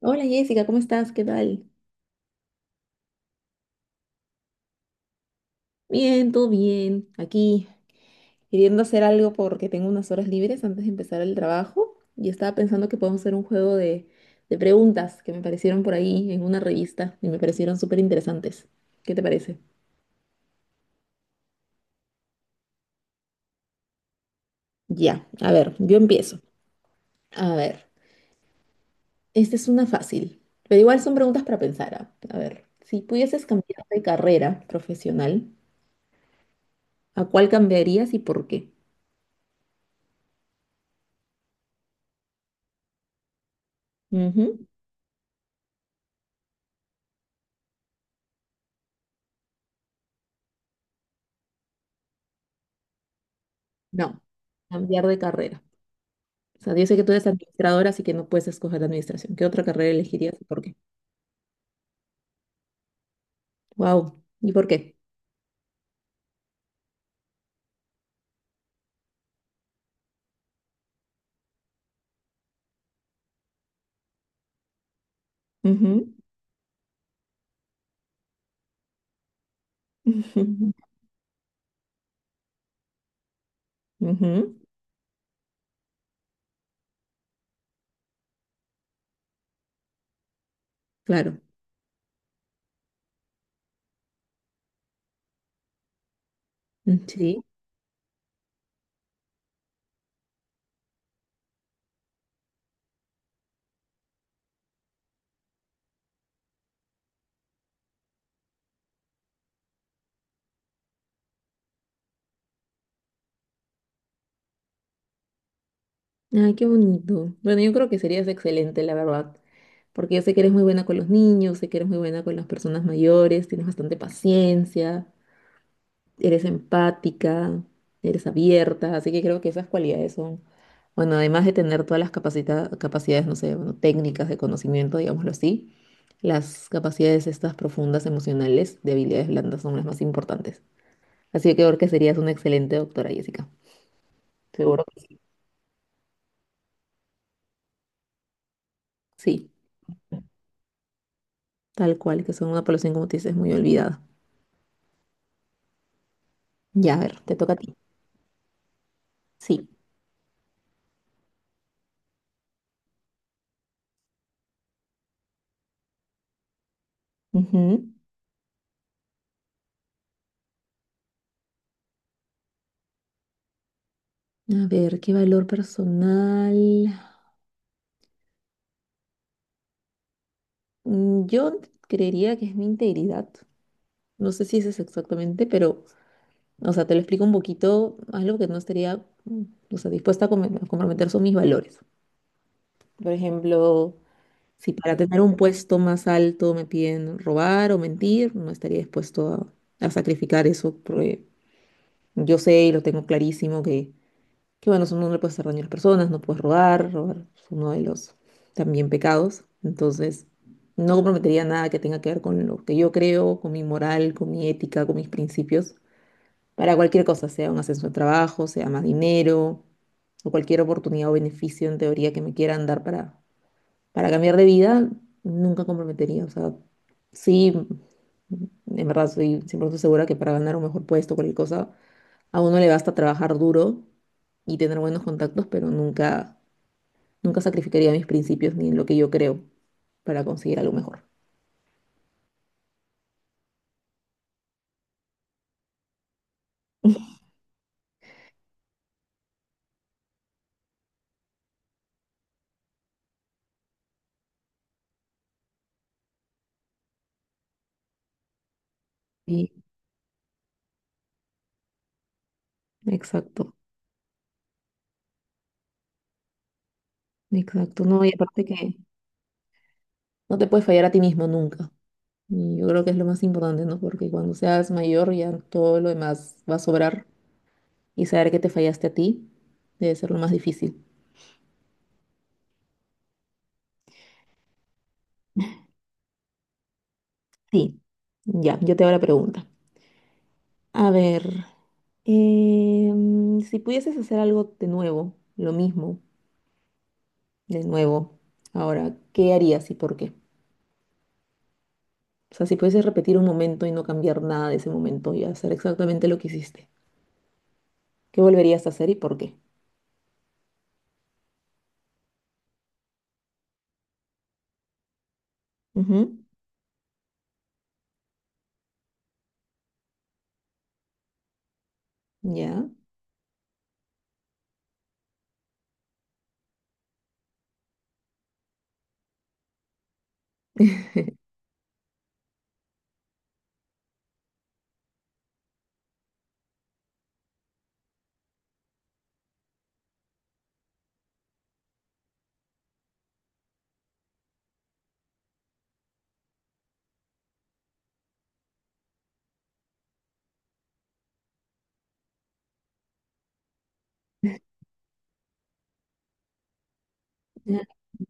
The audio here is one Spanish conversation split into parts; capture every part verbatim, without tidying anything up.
Hola Jessica, ¿cómo estás? ¿Qué tal? Bien, todo bien. Aquí queriendo hacer algo porque tengo unas horas libres antes de empezar el trabajo y estaba pensando que podemos hacer un juego de, de preguntas que me aparecieron por ahí en una revista y me parecieron súper interesantes. ¿Qué te parece? Ya, a ver, yo empiezo. A ver, esta es una fácil, pero igual son preguntas para pensar. ¿Ah? A ver, si pudieses cambiar de carrera profesional, ¿a cuál cambiarías y por qué? Ujú. No, cambiar de carrera. O sea, yo sé que tú eres administradora, así que no puedes escoger administración. ¿Qué otra carrera elegirías y por qué? Wow. ¿Y por qué? Ujú. Ujú. Ujú. Claro. Mm, sí. Ay, qué bonito. Bueno, yo creo que serías excelente, la verdad. Porque yo sé que eres muy buena con los niños, sé que eres muy buena con las personas mayores, tienes bastante paciencia, eres empática, eres abierta, así que creo que esas cualidades son bueno, además de tener todas las capacita- capacidades, no sé, bueno, técnicas de conocimiento, digámoslo así, las capacidades estas profundas emocionales de habilidades blandas son las más importantes. Así que creo que serías una excelente doctora, Jessica. Seguro que sí. Sí, tal cual, que son una población, como te dices, muy olvidada. Ya, a ver, te toca a ti. Sí. Ujú. A ver, ¿qué valor personal? Mm, yo creería que es mi integridad. No sé si ese es exactamente, pero o sea, te lo explico un poquito, algo que no estaría, mm, o sea, dispuesta a come- a comprometer son mis valores. Por ejemplo, si para tener un puesto más alto me piden robar o mentir, no estaría dispuesto a, a sacrificar eso, porque yo sé y lo tengo clarísimo que, que bueno, eso no le puedes hacer daño a las personas, no puedes robar, robar es uno de los también pecados. Entonces, no comprometería nada que tenga que ver con lo que yo creo, con mi moral, con mi ética, con mis principios para cualquier cosa, sea un ascenso de trabajo, sea más dinero o cualquier oportunidad o beneficio en teoría que me quieran dar para, para cambiar de vida, nunca comprometería. O sea, sí, en verdad soy cien por ciento segura que para ganar un mejor puesto, cualquier cosa, a uno le basta trabajar duro y tener buenos contactos, pero nunca, nunca sacrificaría mis principios ni en lo que yo creo para conseguir algo mejor. Sí, exacto, exacto. No, y aparte que no te puedes fallar a ti mismo nunca. Y yo creo que es lo más importante, ¿no? Porque cuando seas mayor ya todo lo demás va a sobrar y saber que te fallaste a ti debe ser lo más difícil. Sí. Ya, yo te hago la pregunta. A ver, em, si pudieses hacer algo de nuevo, lo mismo, de nuevo, ahora, ¿qué harías y por qué? O sea, si pudieses repetir un momento y no cambiar nada de ese momento y hacer exactamente lo que hiciste, ¿qué volverías a hacer y por qué? Ujú, ya.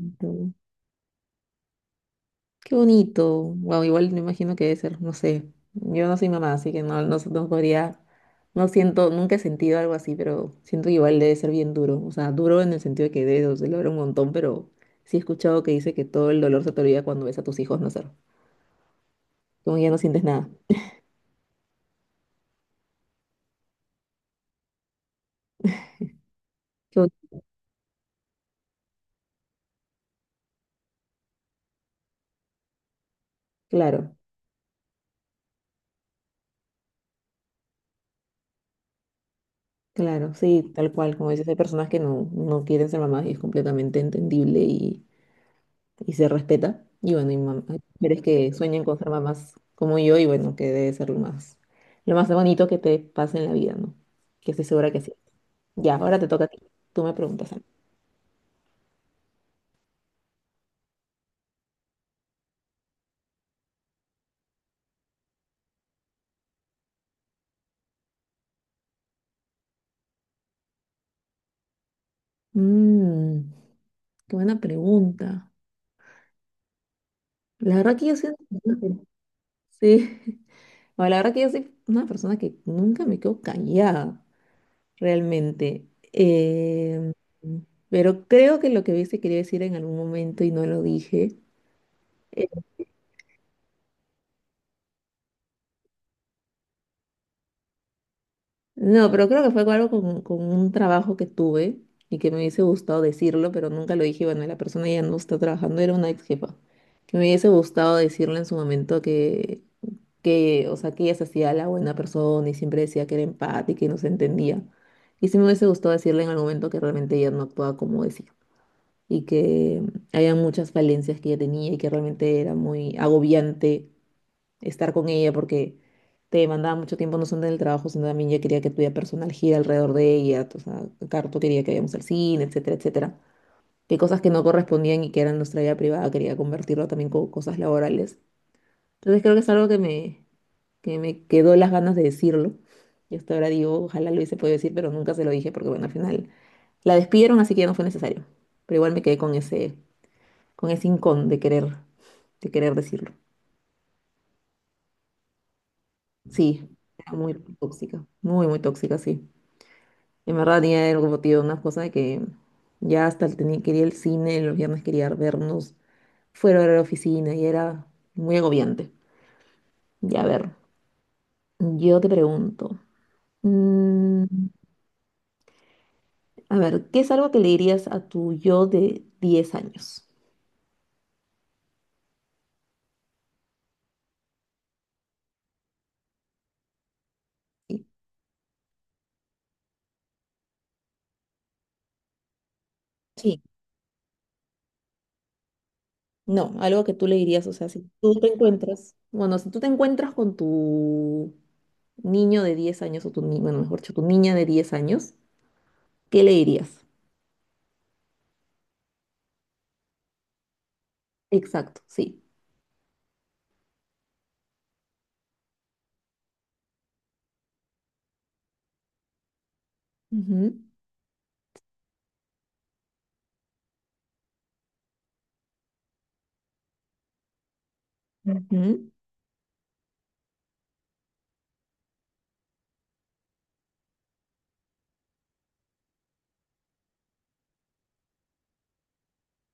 Mm. Qué bonito. Wow, igual me imagino que debe ser, no sé. Yo no soy mamá, así que no, no, no podría, no siento, nunca he sentido algo así, pero siento que igual debe ser bien duro. O sea, duro en el sentido de que debe doler un montón, pero sí he escuchado que dice que todo el dolor se te olvida cuando ves a tus hijos nacer. Como ya no sientes nada. Qué bon- Claro, claro, sí, tal cual. Como dices, hay personas que no, no quieren ser mamás y es completamente entendible y y se respeta. Y bueno, y mam- hay mujeres que sueñan con ser mamás como yo y bueno, que debe ser lo más, lo más bonito que te pase en la vida, ¿no? Que estoy segura que sí. Ya, ahora te toca a ti. Tú me preguntas algo. Mm, qué buena pregunta. La verdad que yo soy una persona que- sí. Bueno, la verdad que yo soy una persona que nunca me quedo callada, realmente. Em, pero creo que lo que hubiese querido decir en algún momento y no lo dije no, pero creo que fue algo con, con un trabajo que tuve y que me hubiese gustado decirlo, pero nunca lo dije. Bueno, la persona ya no está trabajando, era una ex jefa. Que me hubiese gustado decirle en su momento que, que, o sea, que ella se hacía la buena persona y siempre decía que era empática y no se entendía. Y sí me hubiese gustado decirle en algún momento que realmente ella no actuaba como decía y que mm, había muchas falencias que ella tenía y que realmente era muy agobiante estar con ella porque te demandaba mucho tiempo no solo en el trabajo, sino también yo quería que tu vida personal gira alrededor de ella, o sea, Carto quería que vayamos al cine, etcétera, etcétera. Que cosas que no correspondían y que eran nuestra vida privada, quería convertirlo también con cosas laborales. Entonces creo que es algo que me, que me quedó las ganas de decirlo. Y hasta ahora digo, ojalá lo hubiese podido decir, pero nunca se lo dije porque, bueno, al final la despidieron, así que ya no fue necesario. Pero igual me quedé con ese, con ese hincón de querer, de querer decirlo. Sí, era muy tóxica, muy, muy tóxica, sí. En verdad tenía algo motivo, una cosa de que ya hasta el tenía, quería el cine, los viernes quería vernos fuera de la oficina y era muy agobiante. Ya, a ver, yo te pregunto, mm, a ver, ¿qué es algo que le dirías a tu yo de diez años? Sí, sí, no, algo que tú le dirías, o sea, si tú te encuentras, bueno, si tú te encuentras con tu niño de diez años o tu, ni- bueno, mejor dicho, tu niña de diez años, ¿qué le dirías? Exacto, sí. Ujú,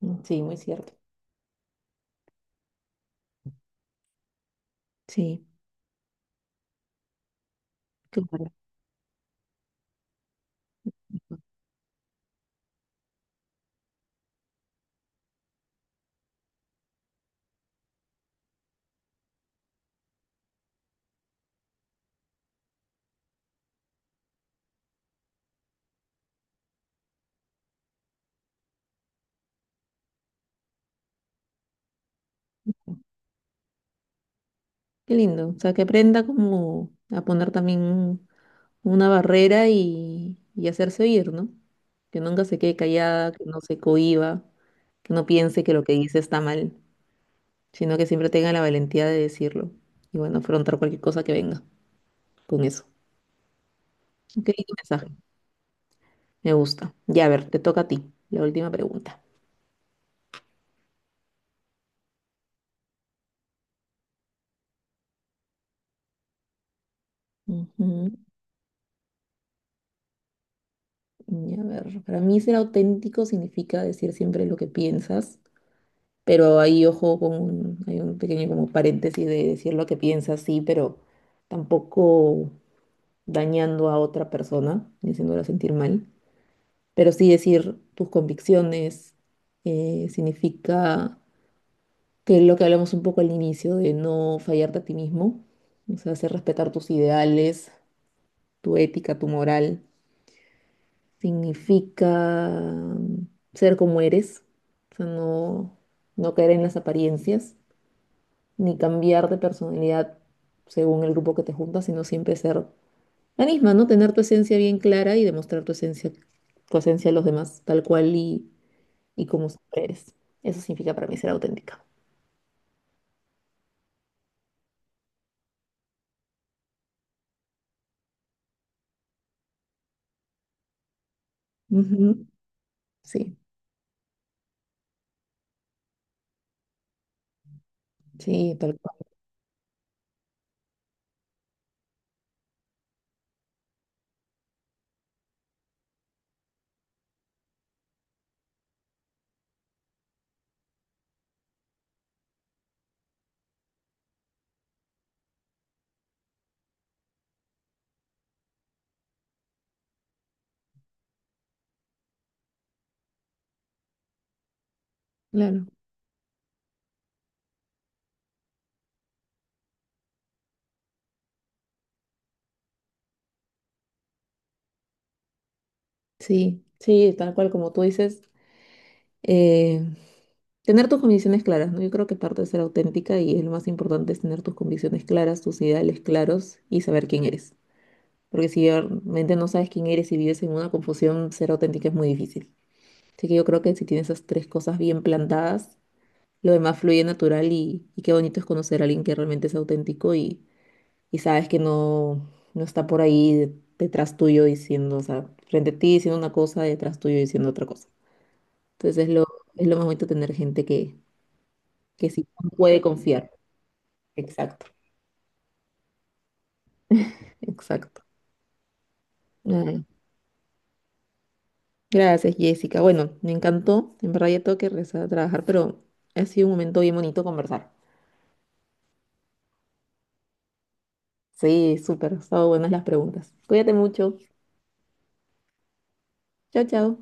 ujú. Sí, muy cierto. Sí, claro. Qué lindo. O sea, que aprenda como a poner también un- una barrera y, y hacerse oír, ¿no? Que nunca se quede callada, que no se cohíba, que no piense que lo que dice está mal, sino que siempre tenga la valentía de decirlo. Y bueno, afrontar cualquier cosa que venga con eso. Qué lindo mensaje. Me gusta. Ya, a ver, te toca a ti. La última pregunta. Ujú. Y a ver, para mí ser auténtico significa decir siempre lo que piensas, pero ahí ojo con un, hay un pequeño como paréntesis de decir lo que piensas, sí, pero tampoco dañando a otra persona ni haciéndola sentir mal. Pero sí decir tus convicciones eh, significa que es lo que hablamos un poco al inicio, de no fallarte a ti mismo, o sea, hacer respetar tus ideales, tu ética, tu moral significa ser como eres, o sea, no, no caer en las apariencias, ni cambiar de personalidad según el grupo que te juntas, sino siempre ser la misma, ¿no? Tener tu esencia bien clara y demostrar tu esencia, tu esencia a los demás, tal cual y, y como siempre eres. Eso significa para mí ser auténtica. Ujú. Sí, sí, tal cual. Claro. Sí, sí, tal cual como tú dices. Eh, tener tus convicciones claras, ¿no? Yo creo que parte de ser auténtica y es lo más importante es tener tus convicciones claras, tus ideales claros y saber quién eres. Porque si realmente no sabes quién eres y vives en una confusión, ser auténtica es muy difícil. Así que yo creo que si tienes esas tres cosas bien plantadas, lo demás fluye natural y, y qué bonito es conocer a alguien que realmente es auténtico y, y sabes que no, no está por ahí de- detrás tuyo diciendo, o sea, frente a ti diciendo una cosa, detrás tuyo diciendo otra cosa. Entonces es lo, es lo más bonito tener gente que, que sí puede confiar. Exacto. Exacto. Ay, gracias, Jessica. Bueno, me encantó. En verdad ya tengo que regresar a trabajar, pero ha sido un momento bien bonito conversar. Sí, súper. Han estado buenas las preguntas. Cuídate mucho. Chao, chao.